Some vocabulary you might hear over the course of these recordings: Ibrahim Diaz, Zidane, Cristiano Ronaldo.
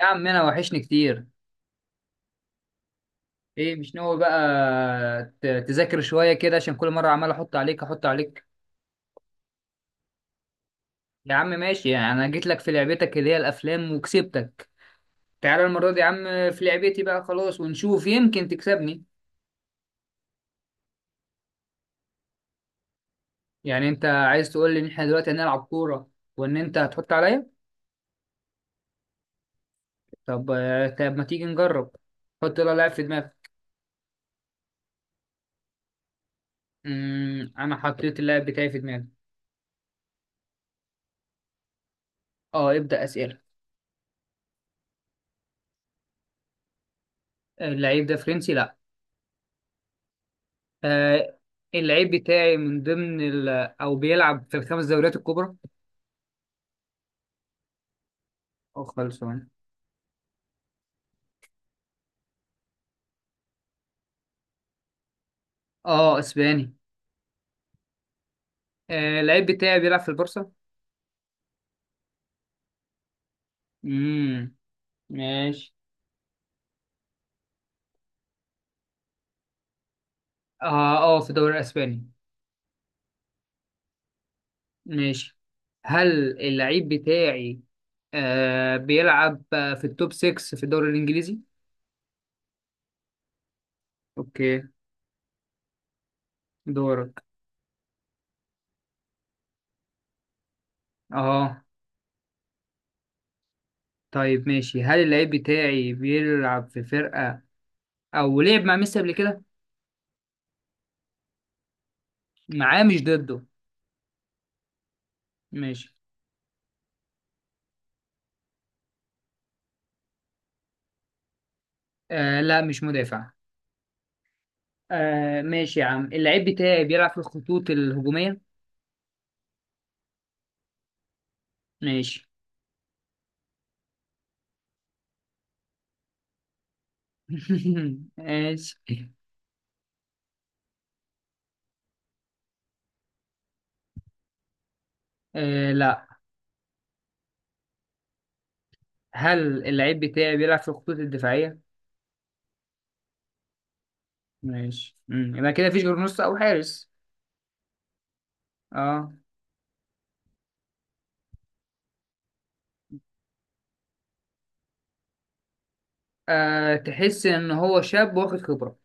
يا عم انا وحشني كتير. ايه مش ناوي بقى تذاكر شوية كده؟ عشان كل مرة عمال احط عليك احط عليك. يا عم ماشي، يعني انا جيت لك في لعبتك اللي هي الافلام وكسبتك. تعالى المرة دي يا عم في لعبتي بقى خلاص، ونشوف يمكن تكسبني. يعني انت عايز تقول لي ان احنا دلوقتي هنلعب كورة؟ وان انت هتحط عليا؟ طب آه، طب ما تيجي نجرب. حط لها لاعب في دماغك. انا حطيت اللاعب بتاعي في دماغي. اه، ابدأ اسئلة. اللعيب ده فرنسي؟ لا. آه، اللعيب بتاعي من ضمن ال، او بيلعب في الخمس دوريات الكبرى. اه خلصان. اه، اسباني. آه، اللعيب بتاعي بيلعب في البورصة؟ امم ماشي. اه اه، في الدوري الاسباني. ماشي. هل اللعيب بتاعي آه بيلعب في التوب 6 في الدوري الانجليزي؟ اوكي. دورك. اه. طيب ماشي، هل اللعيب بتاعي بيلعب في فرقة او لعب مع ميسي قبل كده؟ معاه مش ضده. ماشي. آه لا، مش مدافع. آه ماشي يا عم، اللعيب بتاعي بيلعب في الخطوط الهجومية؟ ماشي. ماشي. آه لا. هل اللعيب بتاعي بيلعب في الخطوط الدفاعية؟ ماشي. يبقى كده مفيش غير نص أو حارس. اه. آه، تحس إن هو شاب واخد خبرة.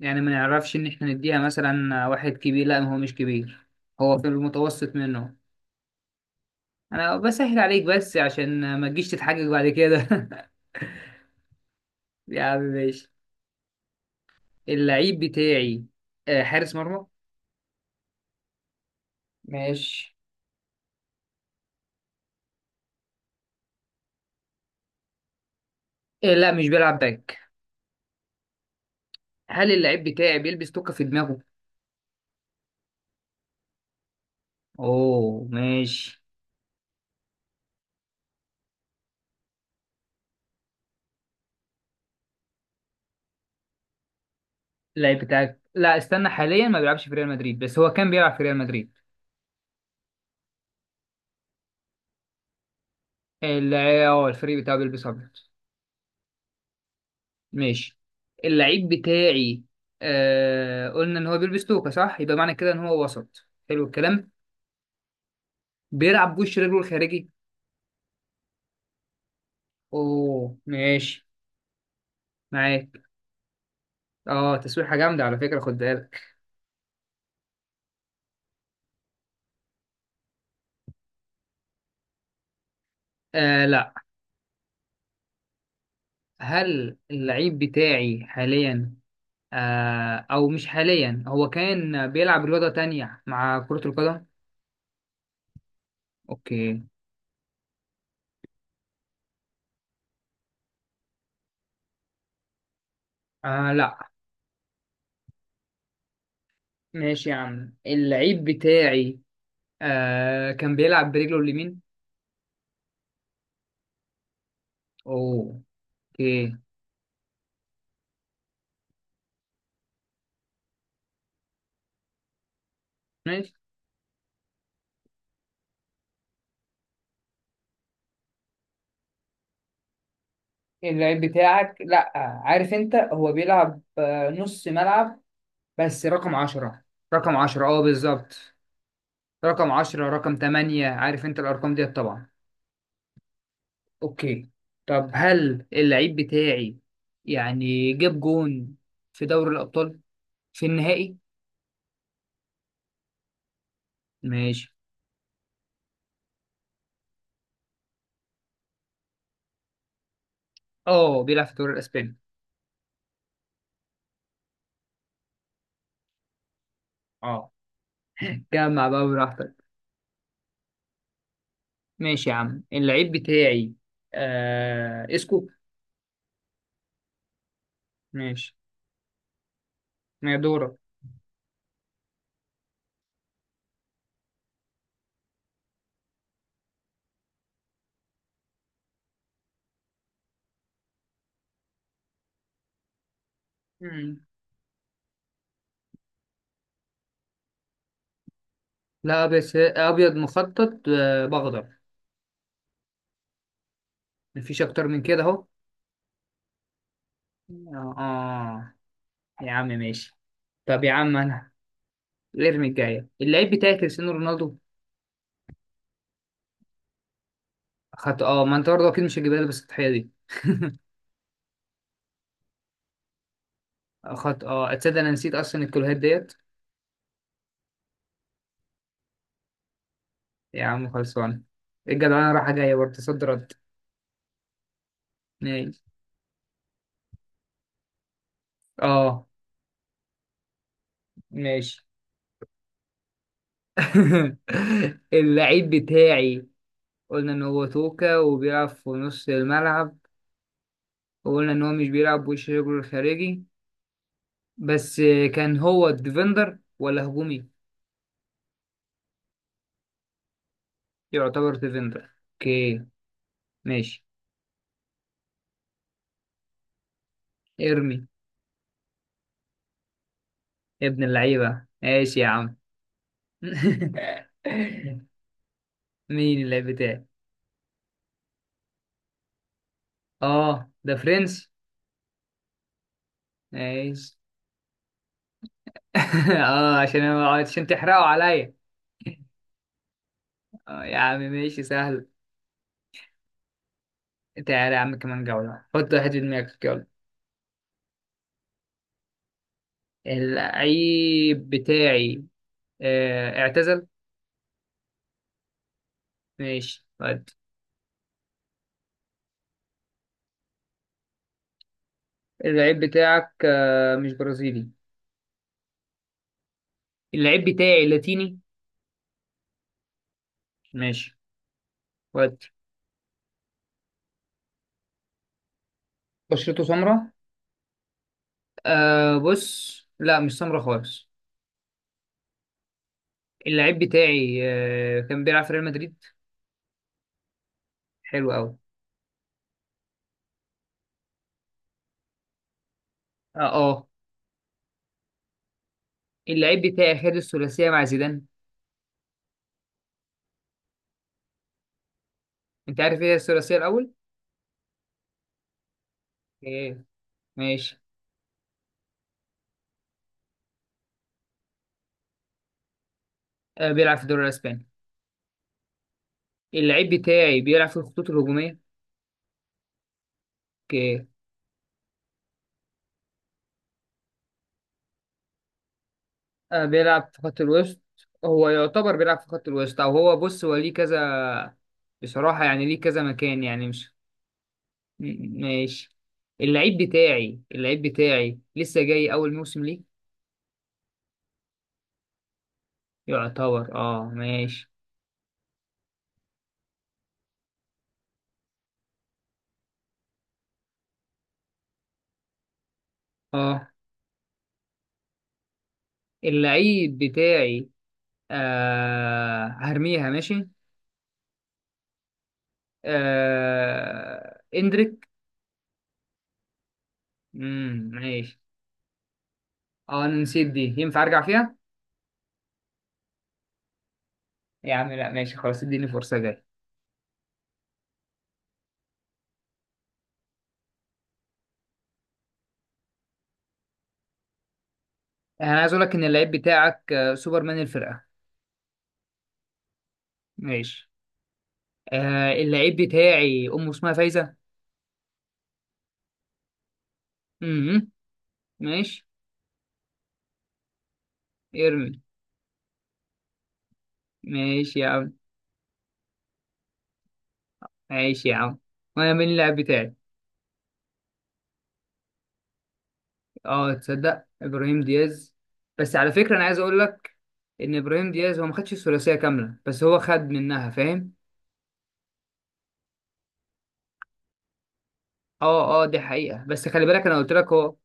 يعني ما نعرفش إن إحنا نديها مثلا واحد كبير، لا هو مش كبير، هو في المتوسط منه. أنا بسهل عليك بس عشان ما تجيش تتحجج بعد كده. يا عم ماشي. اللعيب بتاعي آه حارس مرمى؟ ماشي. إيه لا، مش بيلعب باك. هل اللعيب بتاعي بيلبس توكة في دماغه؟ اوه ماشي. اللعيب بتاعك لا، استنى، حاليا ما بيلعبش في ريال مدريد، بس هو كان بيلعب في ريال مدريد. اللعيب اه الفريق بتاعه بيلبس ابيض. ماشي. اللعيب بتاعي قلنا ان هو بيلبس توكة صح، يبقى معنى كده ان هو وسط، حلو الكلام. بيلعب بوش رجله الخارجي. اوه ماشي. معاك. اه، تسويحة جامدة على فكرة، خد بالك. آه لا. هل اللعيب بتاعي حاليا، آه او مش حاليا، هو كان بيلعب رياضة تانية مع كرة القدم؟ اوكي. آه لا. ماشي يا عم، اللعيب بتاعي آه كان بيلعب برجله اليمين؟ اوه. اوكي. ماشي. اللعيب بتاعك لا. عارف انت، هو بيلعب آه نص ملعب بس رقم عشرة. رقم عشرة اه بالظبط. رقم عشرة رقم تمانية، عارف انت الارقام ديت طبعا. اوكي. طب هل اللعيب بتاعي يعني جاب جون في دوري الابطال في النهائي؟ ماشي. اه بيلعب في الدوري الاسباني. اه. جمع بقى براحتك. ماشي يا عم، اللعيب بتاعي آه اسكو؟ ماشي. ما دورك. مم. لا، بس ابيض مخطط آه، باخضر. مفيش اكتر من كده اهو. اه يا عم ماشي. طب يا عم انا، الارمي الجايه اللعيب بتاعي كريستيانو رونالدو. خط اه، ما انت برضه اكيد مش هتجيبها لي بس التحيه دي. خط اه، تصدق انا نسيت اصلا الكلوهات ديت. يا عم خلصان. الجدع انا رايحه جايه برضه، صد رد. ماشي. اه ماشي. اللعيب بتاعي، قلنا ان هو توكا وبيلعب في نص الملعب، وقلنا ان هو مش بيلعب بوش رجله الخارجي بس، كان هو ديفندر ولا هجومي؟ يعتبر ديفندر، اوكي. ماشي. ارمي. يا ابن اللعيبه، ماشي يا عم. مين اللعيب بتاعي؟ اه ده فرنسي. ماشي. اه عشان عشان تحرقوا عليا. آه يا عم ماشي، سهل. تعالى يا عم كمان جولة. حط واحد في دماغك يلا. اللعيب بتاعي آه اعتزل؟ ماشي ود. اللعيب بتاعك آه مش برازيلي. اللعيب بتاعي لاتيني؟ ماشي ود. بشرته سمراء؟ آه بص، لا مش سمراء خالص. اللعيب بتاعي آه كان بيلعب في ريال مدريد. حلو قوي. اه اه. اللعيب بتاعي خد الثلاثية مع زيدان. انت عارف ايه هي الثلاثيه الاول؟ اوكي. ماشي. آه بيلعب في الدوري الاسباني. اللعيب بتاعي بيلعب في الخطوط الهجوميه. اوكي. آه بيلعب في خط الوسط. هو يعتبر بيلعب في خط الوسط، او هو بص هو ليه كذا. بصراحه يعني ليه كذا مكان يعني مش، ماشي. اللعيب بتاعي اللعيب بتاعي لسه جاي اول موسم ليه. يعتبر اه ماشي. اه. اللعيب بتاعي آه هرميها، ماشي. آه اندريك. ماشي. اه انا نسيت دي، ينفع ارجع فيها؟ يا عم لا ماشي خلاص، اديني فرصه جاي. انا عايز اقول لك ان اللعيب بتاعك آه، سوبرمان الفرقه. ماشي. آه اللعيب بتاعي امه اسمها فايزه. امم ماشي. ارمي. ماشي يا عم. ماشي يا عم، وانا مين اللاعب بتاعي؟ اه تصدق ابراهيم دياز. بس على فكره انا عايز اقول لك ان ابراهيم دياز هو ما خدش الثلاثيه كامله بس هو خد منها، فاهم. اه اه دي حقيقه، بس خلي بالك انا قلت لك هو،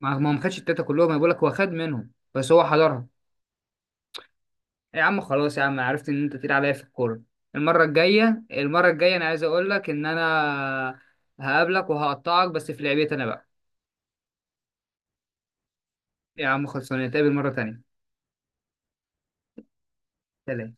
ما ما خدش التلاته كلهم، انا بقول لك هو خد منهم بس هو حضرها. إيه يا عم خلاص يا عم، عرفت ان انت تقيل عليا في الكوره. المره الجايه المره الجايه انا عايز اقول لك ان انا هقابلك وهقطعك بس في لعبتي انا بقى. يا عم خلصانه، نتقابل مره تانية. سلام.